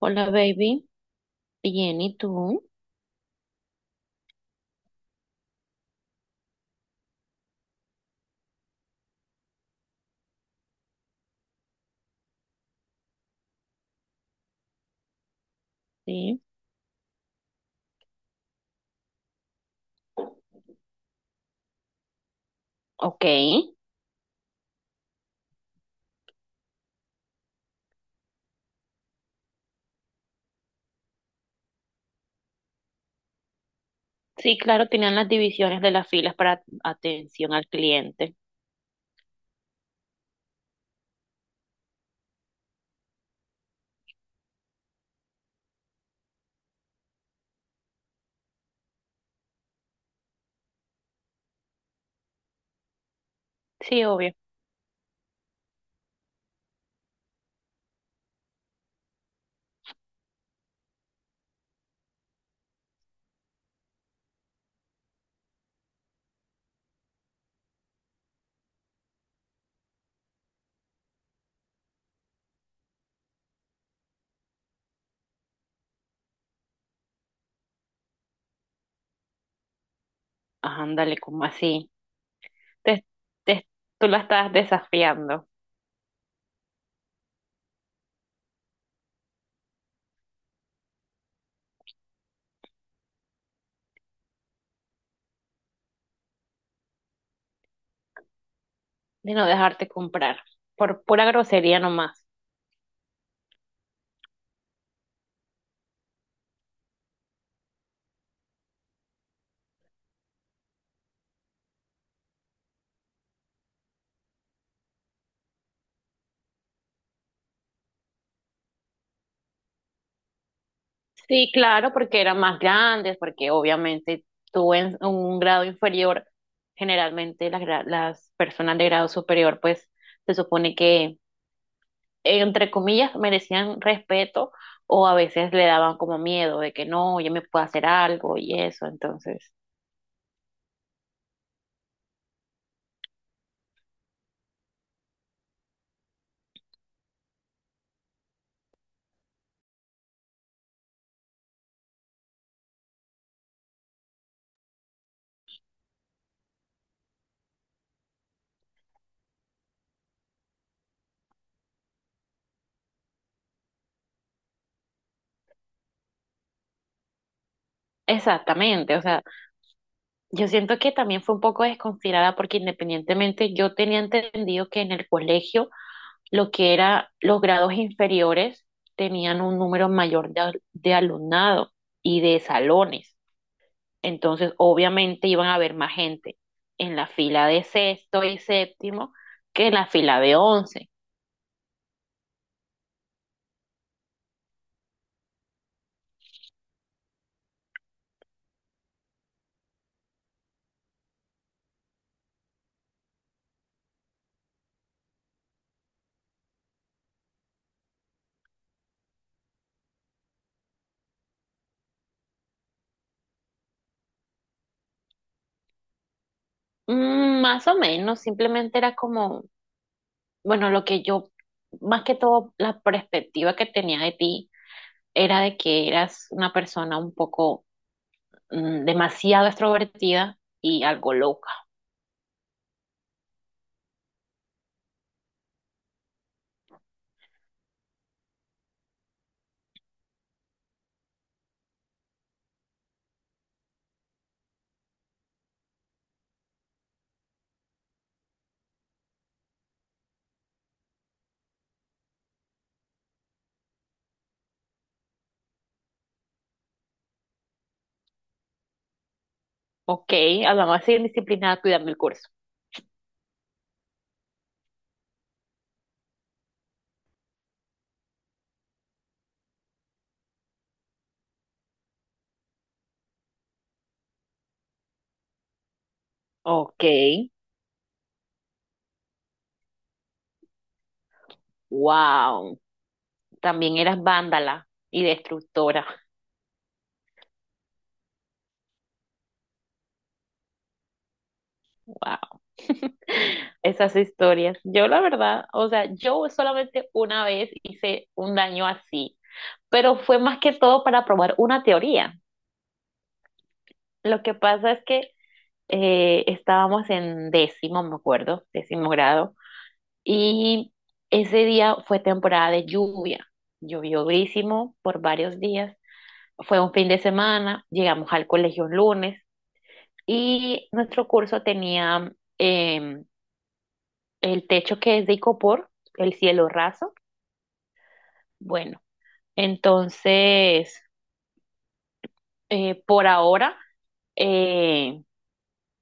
Hola, baby. Bien, ¿y tú? Sí, ok. Sí, claro, tenían las divisiones de las filas para atención al cliente. Sí, obvio. Ah, ándale, como así. Te, te- tú la estás desafiando de no dejarte comprar por pura grosería nomás. Sí, claro, porque eran más grandes, porque obviamente tú en un grado inferior, generalmente las, las personas de grado superior, pues se supone que, entre comillas, merecían respeto o a veces le daban como miedo de que no, yo me puedo hacer algo y eso. Entonces, exactamente, o sea, yo siento que también fue un poco desconsiderada porque independientemente yo tenía entendido que en el colegio lo que era los grados inferiores tenían un número mayor de, de alumnado y de salones. Entonces, obviamente iban a haber más gente en la fila de sexto y séptimo que en la fila de once. Mm, más o menos, simplemente era como, bueno, lo que yo, más que todo, la perspectiva que tenía de ti era de que eras una persona un poco demasiado extrovertida y algo loca. Ok, además, más indisciplinada cuidando el curso. Ok, wow. También eras vándala y destructora. Wow. Esas historias. Yo la verdad, o sea, yo solamente una vez hice un daño así, pero fue más que todo para probar una teoría. Lo que pasa es que estábamos en décimo, me acuerdo, décimo grado, y ese día fue temporada de lluvia. Llovió durísimo por varios días. Fue un fin de semana, llegamos al colegio un lunes. Y nuestro curso tenía em, el techo que es de icopor, el cielo raso. Bueno, entonces, por ahora, eh,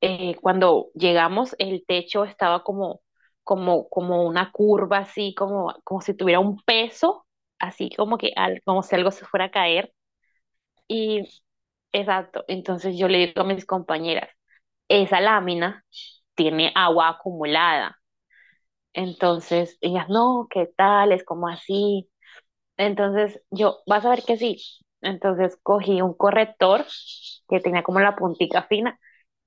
cuando llegamos, el techo estaba como, como, como una curva, así como, como si tuviera un peso, así como que como si algo se fuera a caer. Y exacto, entonces yo le digo a mis compañeras, esa lámina tiene agua acumulada. Entonces, ellas, no, ¿qué tal? Es como así. Entonces, yo, vas a ver que sí. Entonces, cogí un corrector que tenía como la puntica fina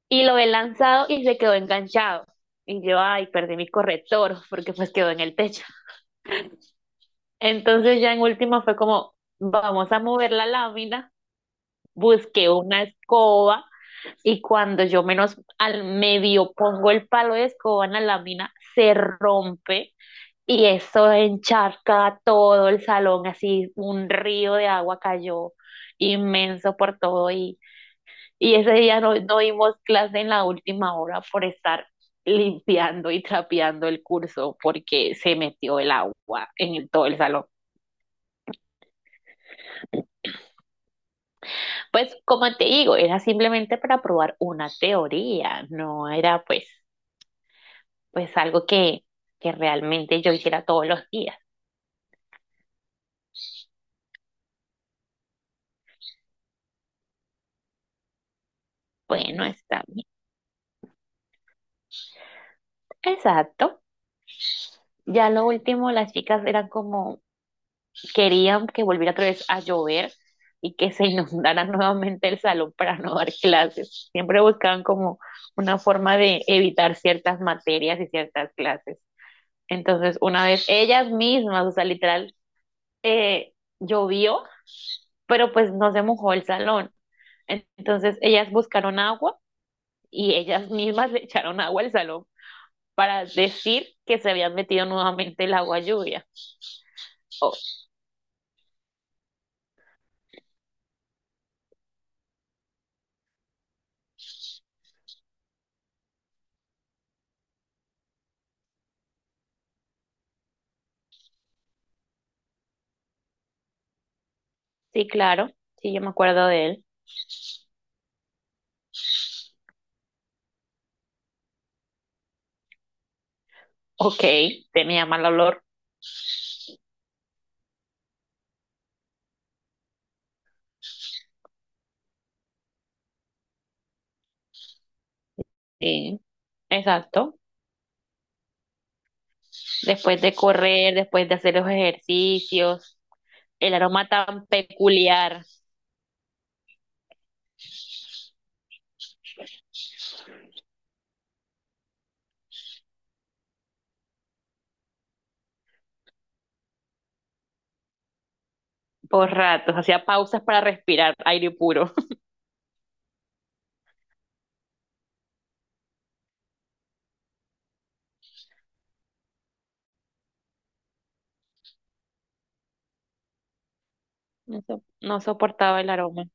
y lo he lanzado y se quedó enganchado. Y yo, ay, perdí mi corrector porque pues quedó en el techo. Entonces, ya en última fue como, vamos a mover la lámina. Busqué una escoba y cuando yo menos al medio pongo el palo de escoba en la lámina, se rompe. Y eso encharca todo el salón, así un río de agua cayó inmenso por todo y ese día no, no dimos clase en la última hora por estar limpiando y trapeando el curso porque se metió el agua en todo el salón. Pues como te digo, era simplemente para probar una teoría, no era pues, pues algo que realmente yo hiciera todos los días. Bueno, está bien. Exacto. Ya lo último, las chicas eran como, querían que volviera otra vez a llover y que se inundara nuevamente el salón para no dar clases. Siempre buscaban como una forma de evitar ciertas materias y ciertas clases. Entonces, una vez ellas mismas, o sea, literal, eh, llovió, pero pues no se mojó el salón. Entonces, ellas buscaron agua y ellas mismas le echaron agua al salón para decir que se habían metido nuevamente el agua lluvia. Oh, sí, claro, sí, yo me acuerdo de él. Ok, tenía mal olor. Sí, exacto. Después de correr, después de hacer los ejercicios, el aroma tan peculiar. Por ratos, hacía pausas para respirar aire puro. No, no soportaba el aroma.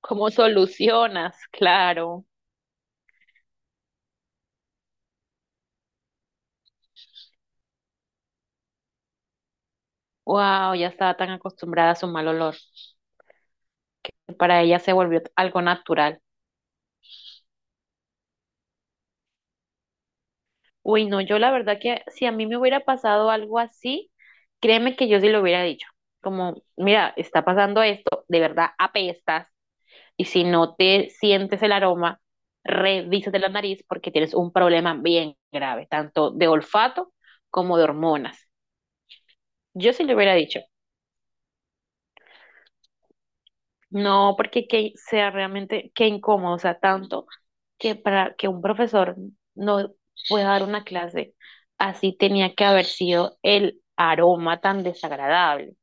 ¿Cómo solucionas? Claro. Wow, ya estaba tan acostumbrada a su mal olor. Que Para ella se volvió algo natural. Uy, no, yo la verdad que si a mí me hubiera pasado algo así, créeme que yo sí lo hubiera dicho. Como, mira, está pasando esto, de verdad apestas, y si no te sientes el aroma, revísate la nariz porque tienes un problema bien grave, tanto de olfato como de hormonas. Yo sí lo hubiera dicho. No, porque que sea realmente, qué incómodo, o sea, tanto. Que para que un profesor no pueda dar una clase, así tenía que haber sido el aroma tan desagradable.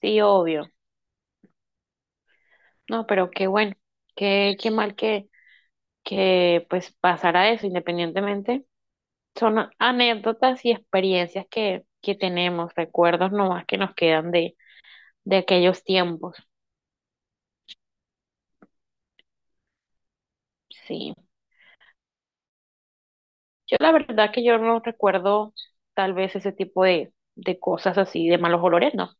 Sí, obvio. No, pero qué bueno, qué, qué mal que pues pasara eso, independientemente. Son anécdotas y experiencias que tenemos, recuerdos nomás que nos quedan de aquellos tiempos. Sí. Yo la verdad que yo no recuerdo tal vez ese tipo de cosas así, de malos olores, no.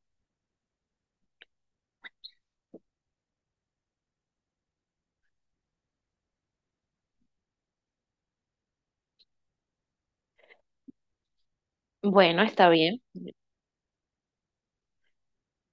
Bueno, está bien.